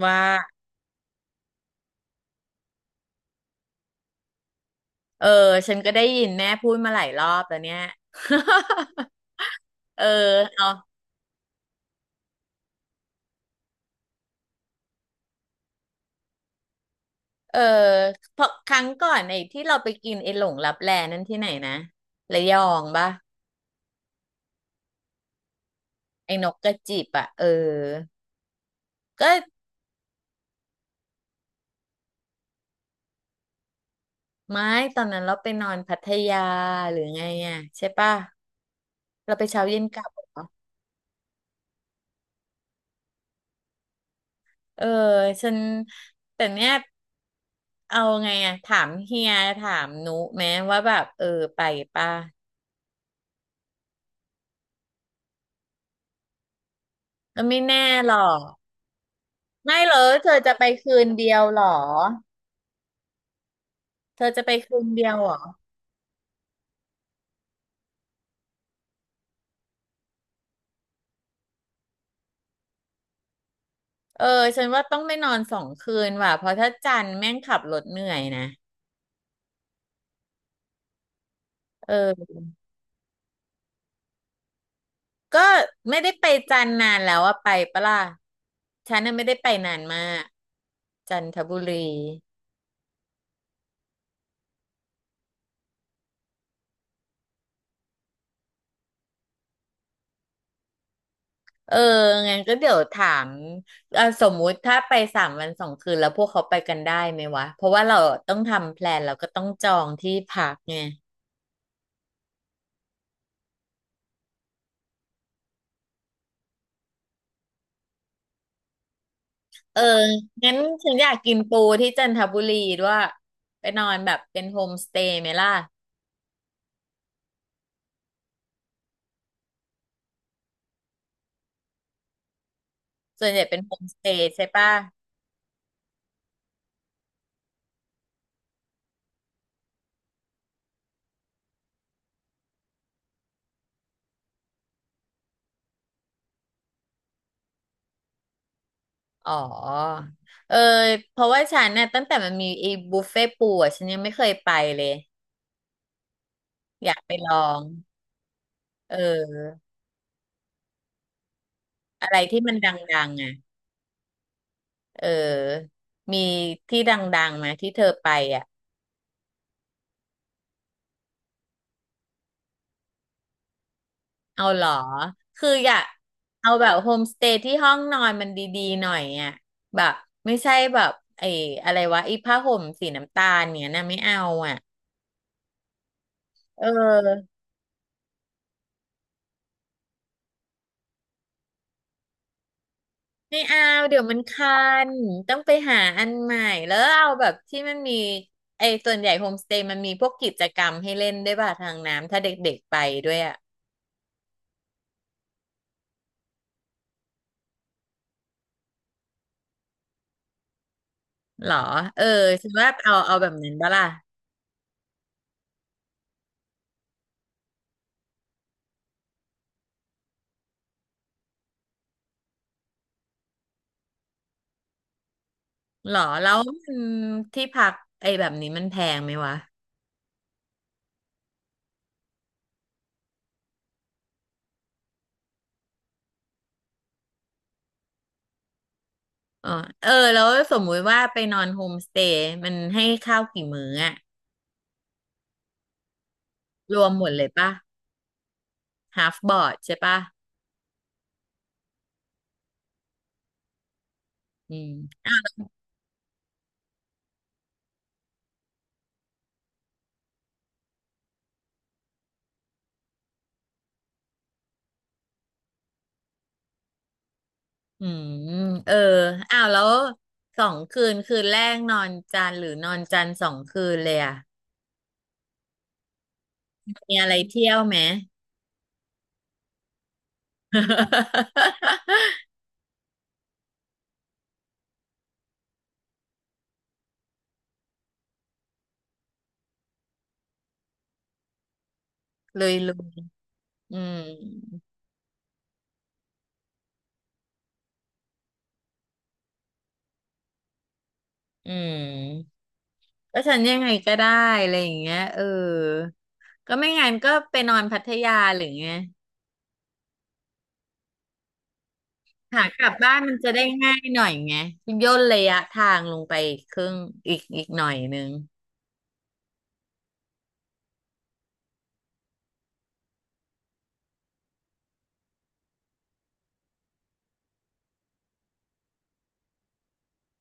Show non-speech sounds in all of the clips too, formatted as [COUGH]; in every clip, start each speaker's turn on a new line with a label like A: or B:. A: ว่าเออฉันก็ได้ยินแม่พูดมาหลายรอบแล้วเนี่ย [LAUGHS] เออเนาะเออเพราะครั้งก่อนไอ้ที่เราไปกินไอ้หลงลับแลนั่นที่ไหนนะระยองปะไอ้นกกระจิบอ่ะเออก็ไม่ตอนนั้นเราไปนอนพัทยาหรือไงอ่ะใช่ปะเราไปเช้าเย็นกลับเหรอเออฉันแต่เนี้ยเอาไงอ่ะถามเฮียถามนุไหมว่าแบบเออไปปะก็ไม่แน่หรอก ไม่เหรอเธอจะไปคืนเดียวเหรอเธอจะไปคืนเดียวเหรอเออฉันว่าต้องไม่นอนสองคืนว่ะเพราะถ้าจันทร์แม่งขับรถเหนื่อยนะเออก็ไม่ได้ไปจันทร์นานแล้วอะไปปะล่ะฉันน่ะไม่ได้ไปนานมากจันทบุรีเอองั้นก็เดี๋ยวถามสมมุติถ้าไปสามวันสองคืนแล้วพวกเขาไปกันได้ไหมวะเพราะว่าเราต้องทำแพลนแล้วก็ต้องจองที่พักไง เอองั้นฉันอยากกินปูที่จันทบุรีด้วยไปนอนแบบเป็นโฮมสเตย์ไหมล่ะ ส่วนใหญ่เป็นโฮมสเตย์ใช่ป่ะอ๋อเออเพราะว่าฉันเนี่ยตั้งแต่มันมีไอ้บุฟเฟ่ปูอ่ะฉันยังไม่เคยไปเลย อยากไปลอง เออ อะไรที่มันดังๆอ่ะเออมีที่ดังๆไหมที่เธอไปอ่ะ เอาเหรอ คืออยากเอาแบบโฮมสเตย์ที่ห้องนอนมันดีๆหน่อยอ่ะแบบไม่ใช่แบบไอ้อะไรวะไอ้ผ้าห่มสีน้ำตาลเนี่ยนะไม่เอาอ่ะเออไม่เอาเดี๋ยวมันคันต้องไปหาอันใหม่แล้วเอาแบบที่มันมีไอ้ส่วนใหญ่โฮมสเตย์มันมีพวกกิจกรรมให้เล่นด้วยป่ะทางน้ำถ้าเด็กๆไปด้วยอ่ะหรอเออคิดว่าเอาแบบนั้นบ้าล่ะหรอแล้วมันที่พักไอ้แบบนี้มันแพงไหมวะ อ๋อเออแล้วสมมุติว่าไปนอนโฮมสเตย์มันให้ข้าวกี่มื้ออะรวมหมดเลยป่ะ half board ใช่ป่ะอืมอืมเอออ้าวแล้วสองคืนคืนแรกนอนจันทร์หรือนอนจันทร์สองคืนเลยอะมีอะไรเที่ยวไหม [LAUGHS] ลุยลุยอืมอืมก็ฉันยังไงก็ได้อะไรอย่างเงี้ยเออก็ไม่งั้นก็ไปนอนพัทยาหรือไง หากลับบ้านมันจะได้ง่ายหน่อยไงย่นระยะทางลงไปครึ่งอีกหน่อยนึง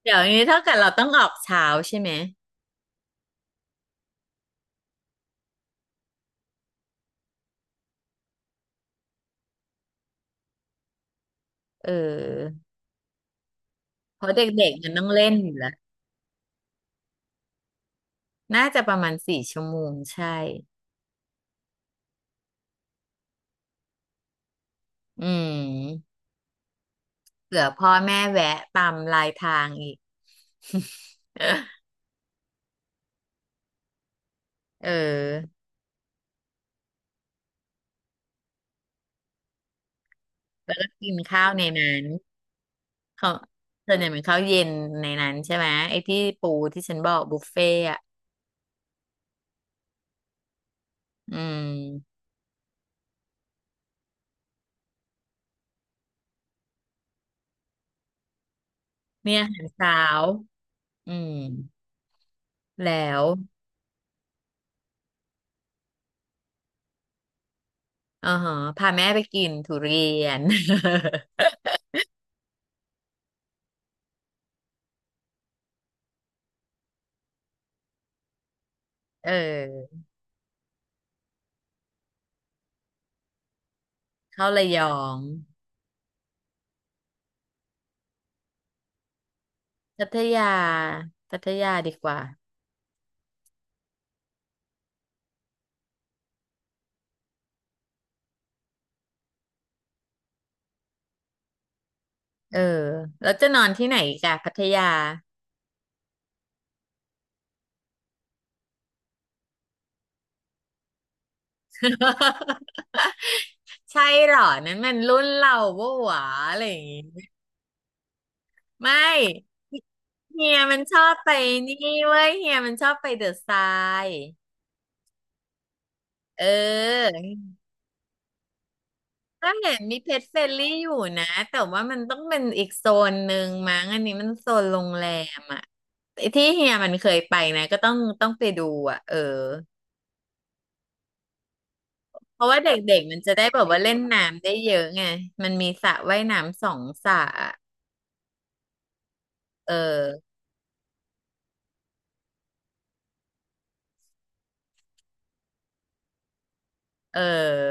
A: เดี๋ยวนี้เท่ากับเราต้องออกเช้าใช่ไหมเออเพราะเด็กๆมันต้องเล่นอยู่แล้วน่าจะประมาณสี่ชั่วโมงใช่อืมเผื่อพ่อแม่แวะตามลายทางอีก [LAUGHS] เออแล้วก็กินข้าวในนั้นเขาส่วนใหญ่เป็นข้าวเย็นในนั้นใช่ไหมไอ้ที่ปูที่ฉันบอกบุฟเฟ่อะอืมเนี่ยอาหารเช้าอืม แล้วอ่าฮะพาแม่ไปกินทุเรียน [LAUGHS] เออ เข้าระยอง พัทยา พัทยาดีกว่า เออ แล้วจะนอนที่ไหนอีกอะพัทยา [LAUGHS] ใช่เหรอ นั้นมันรุ่นเราโว้หวาอะไรอย่างงี้ ไม่เฮียมันชอบไปนี่เว้ยเฮียมันชอบไปเดอะทรายเออก็เห็นมีเพจเฟรลี่อยู่นะ แต่ว่ามันต้องเป็นอีกโซนหนึ่งมั้งอันนี้มันโซนโรงแรมอ่ะ ที่เฮียมันเคยไปนะก็ต้องไปดูอ่ะเออเพราะว่าเด็กๆมันจะได้แบบว่าเล่นน้ำได้เยอะไงมันมีสระว่ายน้ำสองสระอะเออเอ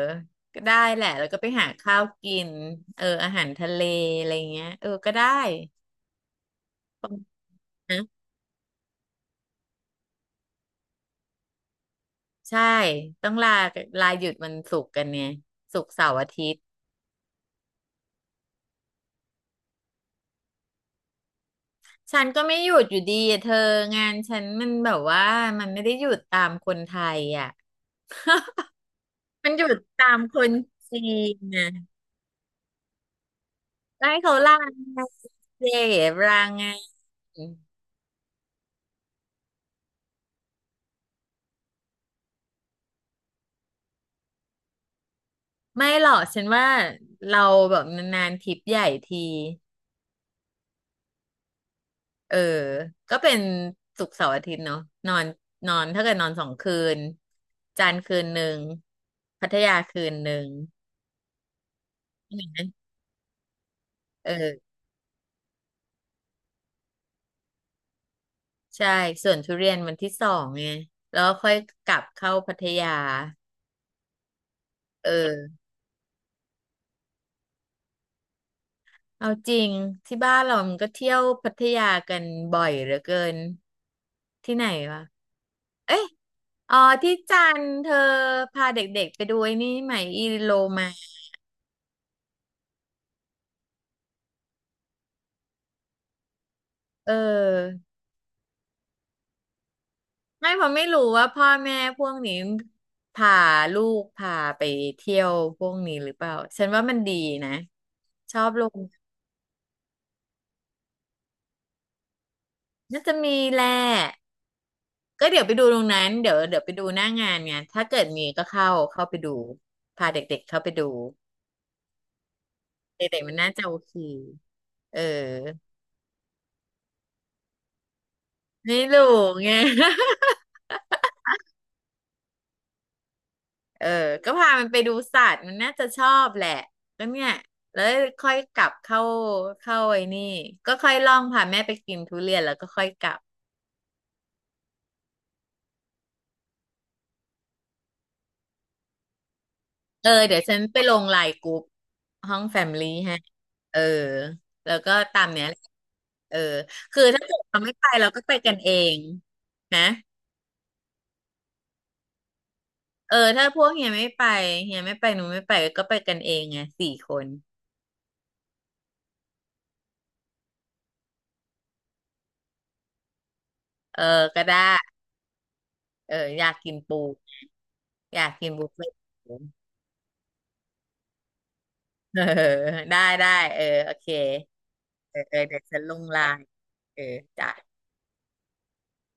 A: อก็ได้แหละแล้วก็ไปหาข้าวกินเอออาหารทะเลอะไรเงี้ยเออก็ได้นะใช่ต้องลาหยุดวันศุกร์กันเนี่ยศุกร์เสาร์อาทิตย์ฉันก็ไม่หยุดอยู่ดีอะเธองานฉันมันแบบว่ามันไม่ได้หยุดตามคนไทยอ่ะมันหยุดตามคนจีนนะ ได้เขาลาไงเจ็บลาไงไม่หรอกฉันว่าเราแบบนานๆทริปใหญ่ทีเออก็เป็นศุกร์เสาร์อาทิตย์เนาะนอนนอนถ้าเกิดนอนสองคืนจันทร์คืนหนึ่งพัทยาคืนหนึ่งเออใช่ส่วนทุเรียนวันที่สองไงแล้วก็ค่อยกลับเข้าพัทยาเออเอาจริงที่บ้านเรามันก็เที่ยวพัทยากันบ่อยเหลือเกินที่ไหนวะเอ้ย อ๋อที่จันทร์เธอพาเด็กๆไปดูไอ้นี่ไหมอีโลมาเออไม่ผมไม่รู้ว่าพ่อแม่พวกนี้พาลูกพาไปเที่ยวพวกนี้หรือเปล่าฉันว่ามันดีนะชอบลงน่าจะมีแหละก็เดี๋ยวไปดูตรงนั้นเดี๋ยวไปดูหน้างานไงถ้าเกิดมีก็เข้าไปดูพาเด็กๆเข้าไปดูเด็กๆมันน่าจะโอเคเออไม่รู้ไง เออก็พามันไปดูสัตว์ มันน่าจะชอบแหละแล้วเนี่ยแล้วค่อยกลับเข้าไอ้นี่ก็ค่อยล่องพาแม่ไปกินทุเรียนแล้วก็ค่อยกลับ เออเดี๋ยวฉันไปลงไลน์กรุ๊ปห้องแฟมลี่ให้เออแล้วก็ตามเนี้ยแหละเออคือถ้าเกิดเราไม่ไปเราก็ไปกันเองนะเออถ้าพวกเฮียไม่ไปเฮียไม่ไปหนูไม่ไปก็ไปกันเองไงสี่คนเออ ก็ได้เอออยากกินปูอยากกินบุฟเฟ่ต์ เออได้ได้เออโอเคเออเออเดี๋ยวฉันลงไลน์เออจ้ะ